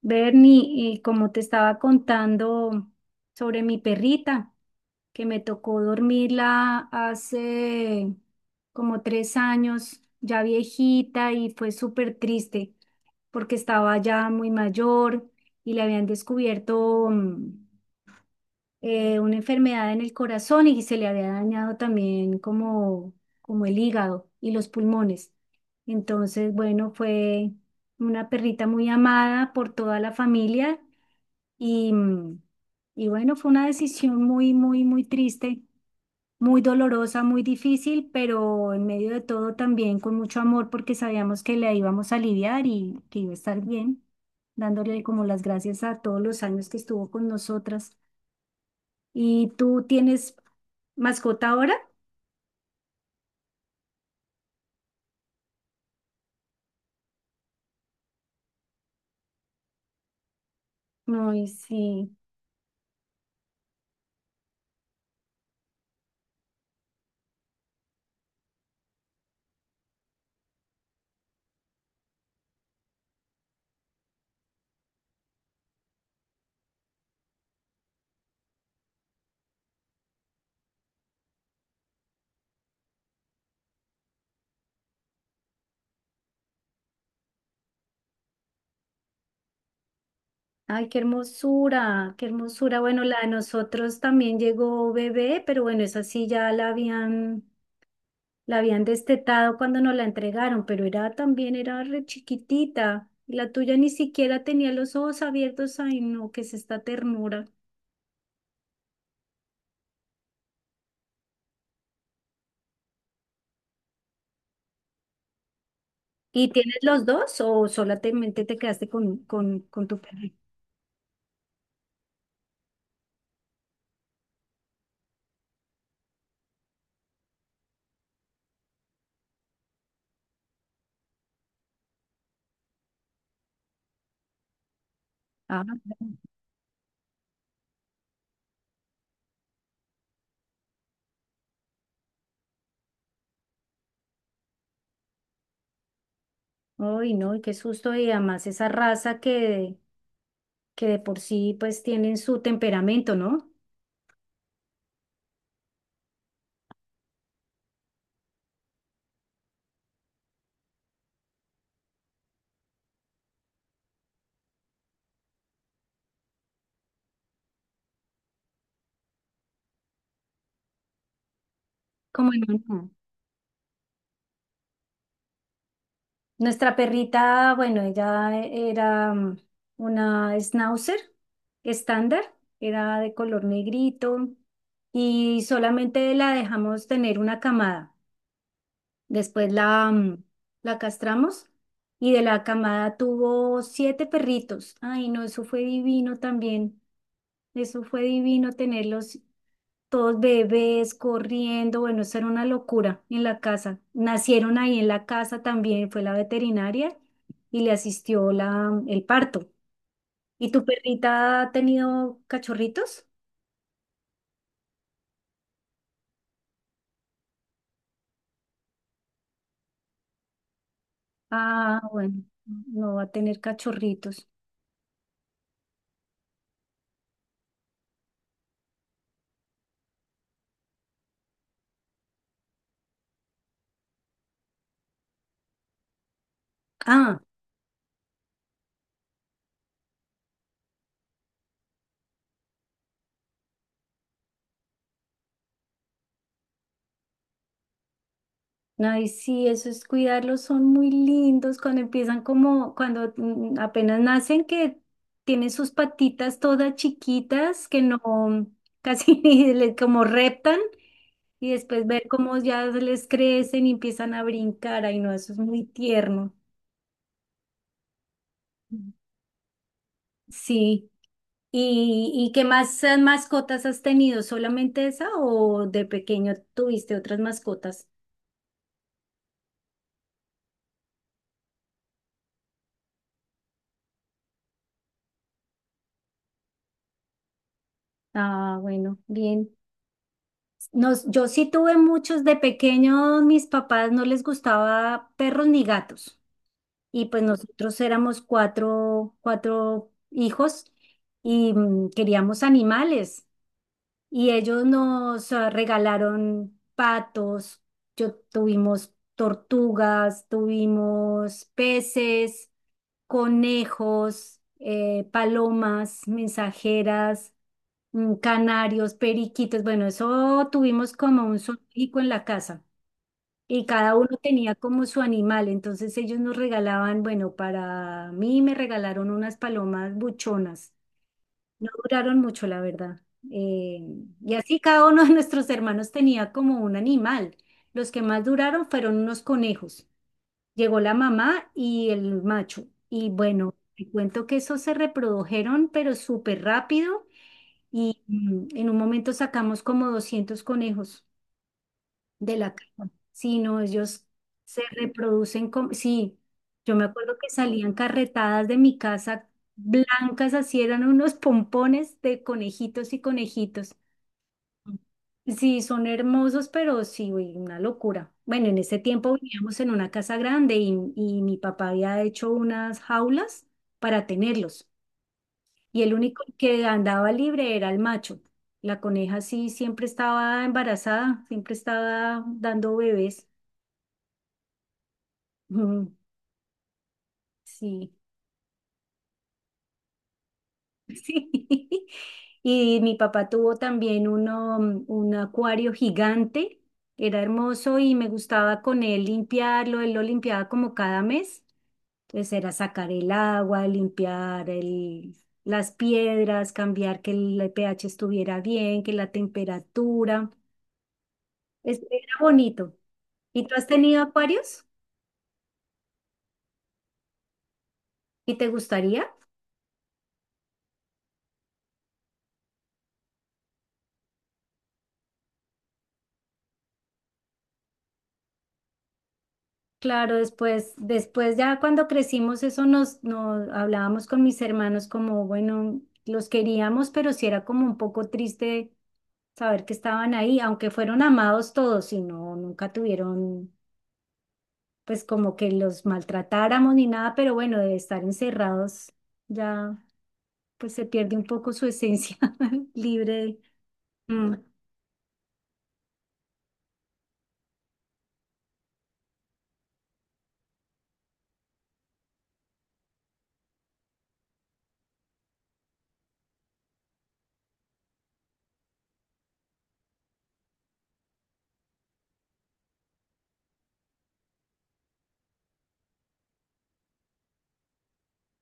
Bernie, como te estaba contando sobre mi perrita, que me tocó dormirla hace como 3 años, ya viejita, y fue súper triste porque estaba ya muy mayor y le habían descubierto, una enfermedad en el corazón y se le había dañado también como, como el hígado y los pulmones. Entonces, bueno, fue una perrita muy amada por toda la familia y, mm, y bueno, fue una decisión muy, muy, muy triste, muy dolorosa, muy difícil, pero en medio de todo también con mucho amor porque sabíamos que la íbamos a aliviar y que iba a estar bien, dándole como las gracias a todos los años que estuvo con nosotras. ¿Y tú tienes mascota ahora? Ay, sí. Ay, qué hermosura, qué hermosura. Bueno, la de nosotros también llegó bebé, pero bueno, esa sí ya la habían destetado cuando nos la entregaron, pero era también, era re chiquitita. La tuya ni siquiera tenía los ojos abiertos. Ay, no, qué es esta ternura. ¿Y tienes los dos o solamente te quedaste con tu perro? Ah, ay, no, y ¡qué susto! Y además esa raza que de por sí pues tienen su temperamento, ¿no? Como en uno. Nuestra perrita, bueno, era una schnauzer estándar, era de color negrito y solamente la dejamos tener una camada. Después la castramos y de la camada tuvo 7 perritos. Ay, no, eso fue divino también. Eso fue divino tenerlos todos bebés corriendo, bueno, eso era una locura en la casa. Nacieron ahí en la casa también, fue la veterinaria y le asistió el parto. ¿Y tu perrita ha tenido cachorritos? Ah, bueno, no va a tener cachorritos. Ah, ay, sí, eso es cuidarlos, son muy lindos cuando empiezan como, cuando apenas nacen, que tienen sus patitas todas chiquitas, que no, mm, casi ni como reptan, y después ver cómo ya les crecen y empiezan a brincar, ay no, eso es muy tierno. Sí. ¿Y, y qué más mascotas has tenido? ¿Solamente esa o de pequeño tuviste otras mascotas? Ah, bueno, bien. Nos, yo sí tuve muchos de pequeños, mis papás no les gustaba perros ni gatos. Y pues nosotros éramos cuatro hijos y queríamos animales. Y ellos nos regalaron patos, yo tuvimos tortugas, tuvimos peces, conejos, palomas, mensajeras, canarios, periquitos, bueno, eso, tuvimos como un zoológico en la casa y cada uno tenía como su animal, entonces ellos nos regalaban, bueno, para mí me regalaron unas palomas buchonas, no duraron mucho, la verdad. Eh, y así cada uno de nuestros hermanos tenía como un animal. Los que más duraron fueron unos conejos. Llegó la mamá y el macho. Y bueno, te cuento que esos se reprodujeron, pero súper rápido. En un momento sacamos como 200 conejos de la casa. Sí, no, ellos se reproducen como... Sí, yo me acuerdo que salían carretadas de mi casa blancas, así eran unos pompones de conejitos y conejitos. Sí, son hermosos, pero sí, uy, una locura. Bueno, en ese tiempo vivíamos en una casa grande y mi papá había hecho unas jaulas para tenerlos y el único que andaba libre era el macho. La coneja sí siempre estaba embarazada, siempre estaba dando bebés. Mm, sí, sí. Y mi papá tuvo también uno, un acuario gigante, era hermoso y me gustaba con él limpiarlo, él lo limpiaba como cada mes. Entonces era sacar el agua, limpiar el, las piedras, cambiar que el pH estuviera bien, que la temperatura. Es, era bonito. ¿Y tú has tenido acuarios? ¿Y te gustaría? Claro, después, después ya cuando crecimos, eso nos, nos hablábamos con mis hermanos como, bueno, los queríamos, pero sí era como un poco triste saber que estaban ahí, aunque fueron amados todos y no, nunca tuvieron, pues como que los maltratáramos ni nada, pero bueno, de estar encerrados ya, pues se pierde un poco su esencia libre. Mm,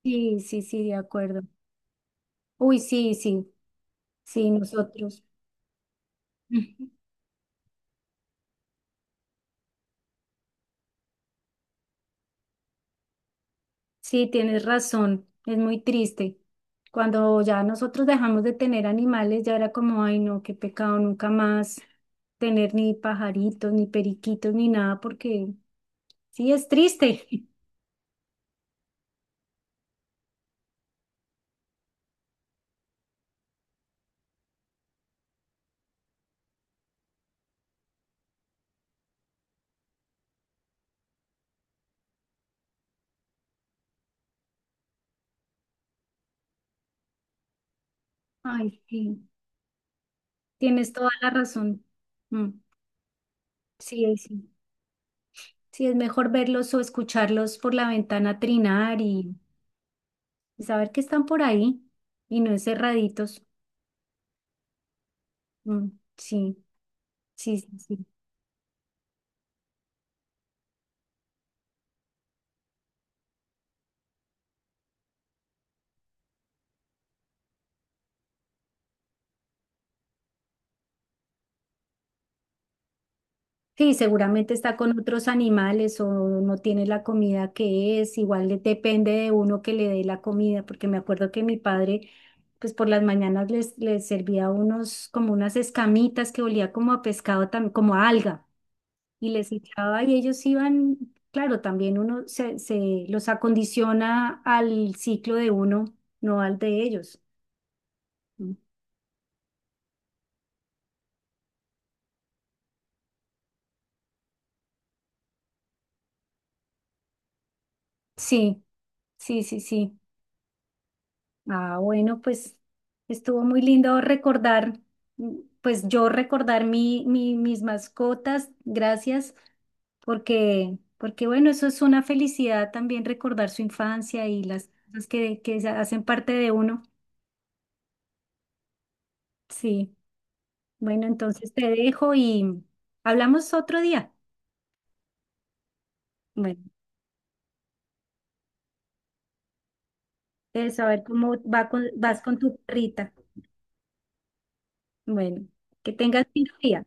sí, sí, sí, de acuerdo. Uy, sí, sí. Sí, nosotros. Ujú. Sí, tienes razón, es muy triste. Cuando ya nosotros dejamos de tener animales, ya era como, ay, no, qué pecado, nunca más tener ni pajaritos, ni periquitos, ni nada, porque sí, es triste. Ay, sí, tienes toda la razón. Mm, sí, ahí sí. Sí, es mejor verlos o escucharlos por la ventana trinar y saber que están por ahí y no encerraditos. Mm, sí, sí, sí. Sí. Sí, seguramente está con otros animales o no tiene la comida que es, igual depende de uno que le dé la comida, porque me acuerdo que mi padre, pues por las mañanas les servía unos, como unas escamitas que olía como a pescado, como a alga, y les echaba y ellos iban, claro, también uno se los acondiciona al ciclo de uno, no al de ellos. Mm. Sí, sí, sí, sí. Ah, bueno, pues estuvo muy lindo recordar, pues yo recordar mis mascotas, gracias, porque, porque bueno, eso es una felicidad también recordar su infancia y las cosas que se hacen parte de uno. Sí, bueno, entonces te dejo y hablamos otro día. Bueno, de saber cómo va vas con tu perrita. Bueno, que tengas lindo día.